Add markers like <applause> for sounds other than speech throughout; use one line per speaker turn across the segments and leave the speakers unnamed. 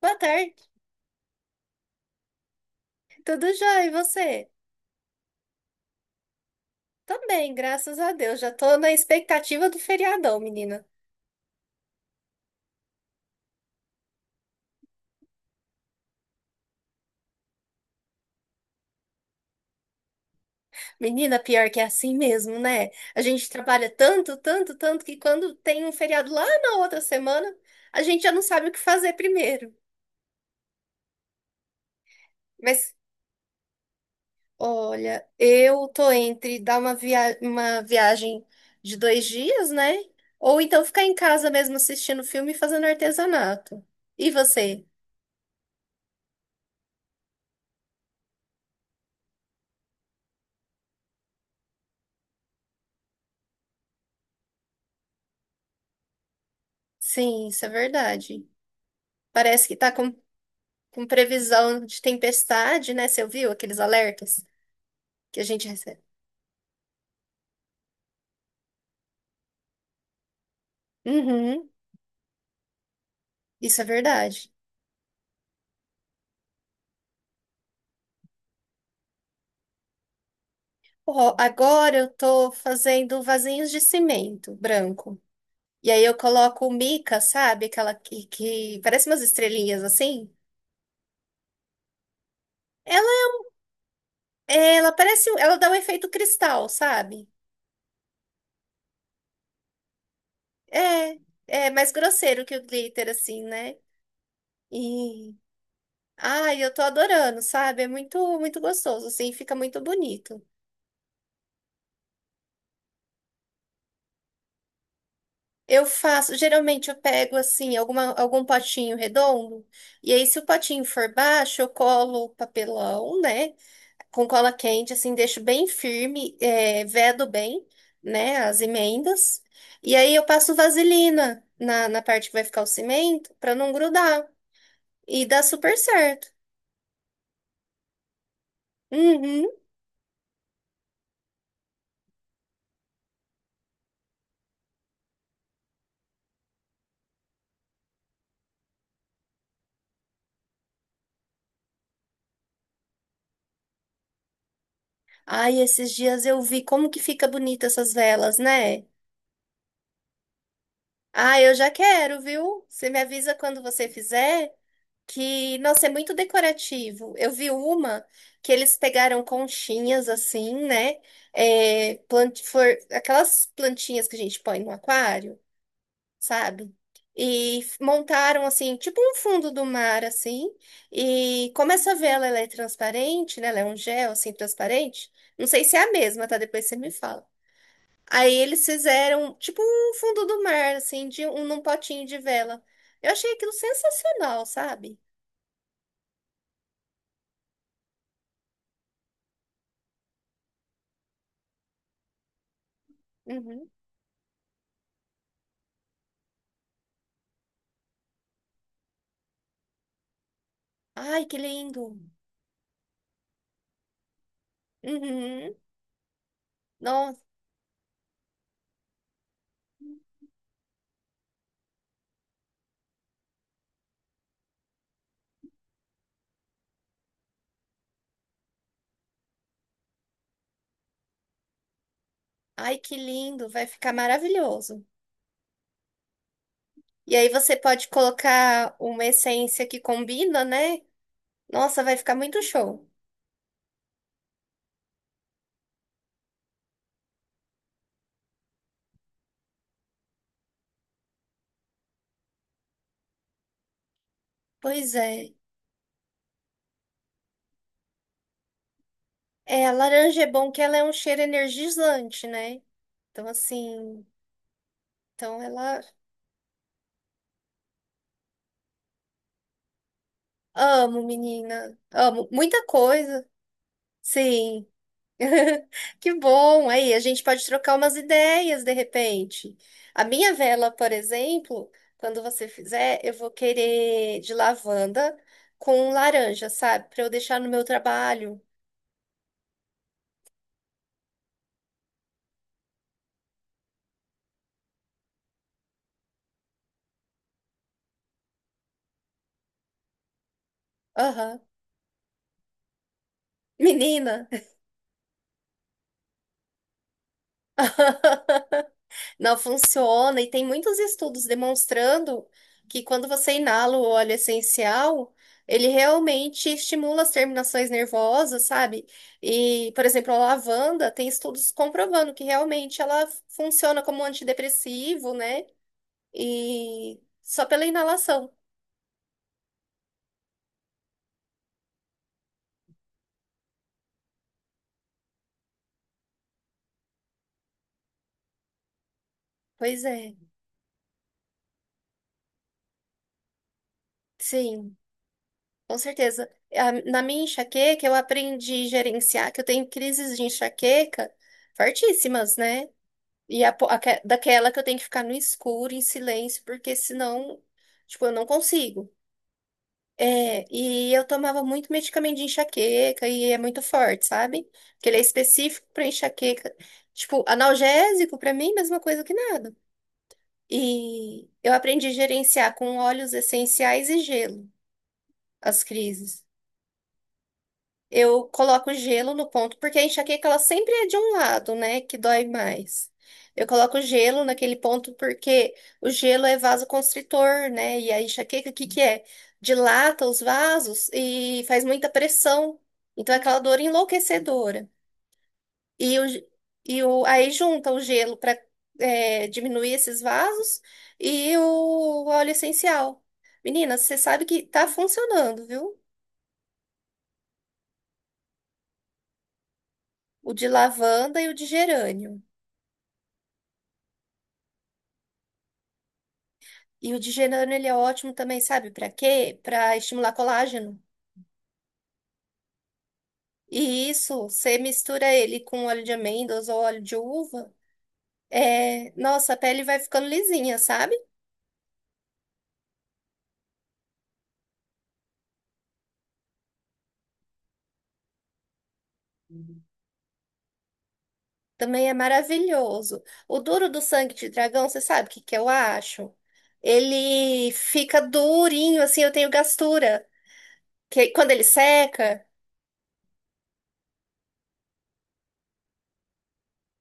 Boa tarde, tudo jóia? E você? Também, graças a Deus. Já tô na expectativa do feriadão, menina. Menina, pior que é assim mesmo, né? A gente trabalha tanto, tanto, tanto que quando tem um feriado lá na outra semana, a gente já não sabe o que fazer primeiro. Mas, olha, eu tô entre dar uma viagem de 2 dias, né? Ou então ficar em casa mesmo assistindo filme e fazendo artesanato. E você? Sim, isso é verdade. Parece que tá com previsão de tempestade, né? Você ouviu aqueles alertas que a gente recebe? Uhum, isso é verdade. Ó, agora eu tô fazendo vasinhos de cimento branco. E aí eu coloco mica, sabe? Aquela que parece umas estrelinhas assim. Ela, ela parece, ela dá um efeito cristal, sabe? É, é mais grosseiro que o glitter, assim, né? E, ai, eu tô adorando, sabe? É muito, muito gostoso, assim, fica muito bonito. Eu faço, geralmente eu pego assim, algum potinho redondo, e aí se o potinho for baixo, eu colo papelão, né? Com cola quente, assim, deixo bem firme, é, vedo bem, né? As emendas. E aí eu passo vaselina na parte que vai ficar o cimento, pra não grudar. E dá super certo. Uhum. Ai, esses dias eu vi como que fica bonita essas velas, né? Ah, eu já quero, viu? Você me avisa quando você fizer. Que, nossa, é muito decorativo. Eu vi uma que eles pegaram conchinhas assim, né? É, aquelas plantinhas que a gente põe no aquário, sabe? E montaram assim, tipo um fundo do mar assim. E como essa vela ela é transparente, né? Ela é um gel assim transparente. Não sei se é a mesma, tá? Depois você me fala. Aí eles fizeram tipo um fundo do mar assim, de um num potinho de vela. Eu achei aquilo sensacional, sabe? Uhum. Ai, que lindo. Uhum. Nossa, ai, que lindo. Vai ficar maravilhoso. E aí você pode colocar uma essência que combina, né? Nossa, vai ficar muito show. Pois é. É, a laranja é bom que ela é um cheiro energizante, né? Então, assim, então ela... Amo, menina. Amo. Muita coisa. Sim. <laughs> Que bom! Aí a gente pode trocar umas ideias de repente. A minha vela, por exemplo, quando você fizer, eu vou querer de lavanda com laranja, sabe? Para eu deixar no meu trabalho. Aham. Menina! <laughs> Não funciona, e tem muitos estudos demonstrando que quando você inala o óleo essencial, ele realmente estimula as terminações nervosas, sabe? E, por exemplo, a lavanda tem estudos comprovando que realmente ela funciona como um antidepressivo, né? E só pela inalação. Pois é, sim, com certeza. Na minha enxaqueca, eu aprendi a gerenciar, que eu tenho crises de enxaqueca fortíssimas, né? E daquela que eu tenho que ficar no escuro, em silêncio, porque senão, tipo, eu não consigo. É, e eu tomava muito medicamento de enxaqueca e é muito forte, sabe? Porque ele é específico para enxaqueca. Tipo, analgésico para mim, mesma coisa que nada. E eu aprendi a gerenciar com óleos essenciais e gelo as crises. Eu coloco gelo no ponto, porque a enxaqueca ela sempre é de um lado, né, que dói mais. Eu coloco gelo naquele ponto porque o gelo é vasoconstritor, né? E a enxaqueca, o que que é? Dilata os vasos e faz muita pressão. Então é aquela dor enlouquecedora. E, o, ge- e o, aí junta o gelo para diminuir esses vasos e o óleo essencial. Menina, você sabe que tá funcionando, viu? O de lavanda e o de gerânio. E o digerano, ele é ótimo também, sabe? Para quê? Para estimular colágeno. E isso, você mistura ele com óleo de amêndoas ou óleo de uva, é... nossa, a pele vai ficando lisinha, sabe? Também é maravilhoso. O duro do sangue de dragão, você sabe o que que eu acho? Ele fica durinho, assim, eu tenho gastura. Que quando ele seca.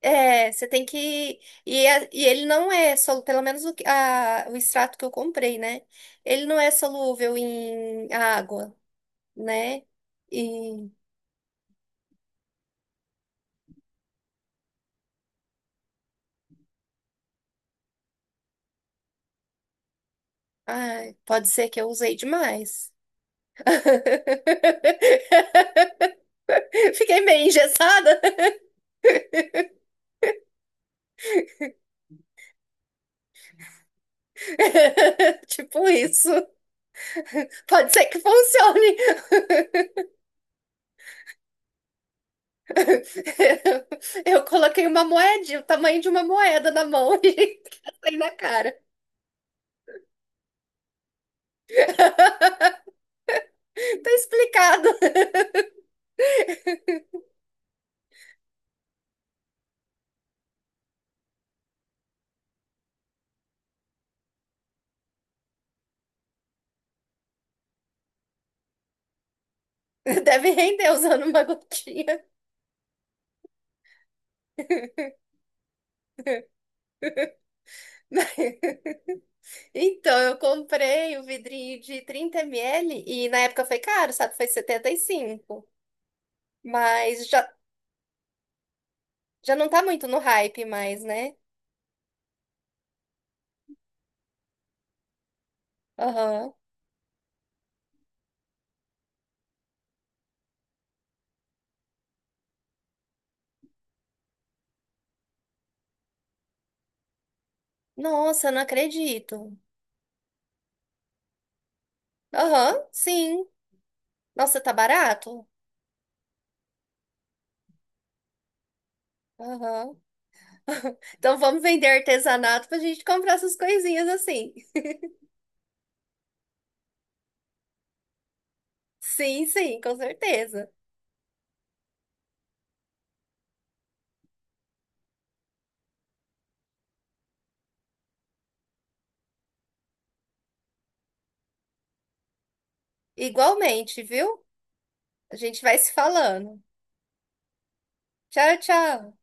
É, você tem que. E, e ele não é solúvel, pelo menos o extrato que eu comprei, né? Ele não é solúvel em água, né? E. Ai, pode ser que eu usei demais. <laughs> Fiquei meio engessada. <laughs> Tipo isso. Pode ser que funcione. <laughs> Eu coloquei uma moedinha, o tamanho de uma moeda na mão <laughs> e saí na cara. Tá explicado. <laughs> Deve render usando uma gotinha. <laughs> Então, eu comprei o vidrinho de 30 ml e na época foi caro, sabe? Foi 75. Mas já, já não tá muito no hype mais, né? Aham. Nossa, eu não acredito. Aham, sim. Nossa, tá barato? Aham. <laughs> Então vamos vender artesanato pra gente comprar essas coisinhas assim. Sim, sim, com certeza. Igualmente, viu? A gente vai se falando. Tchau, tchau.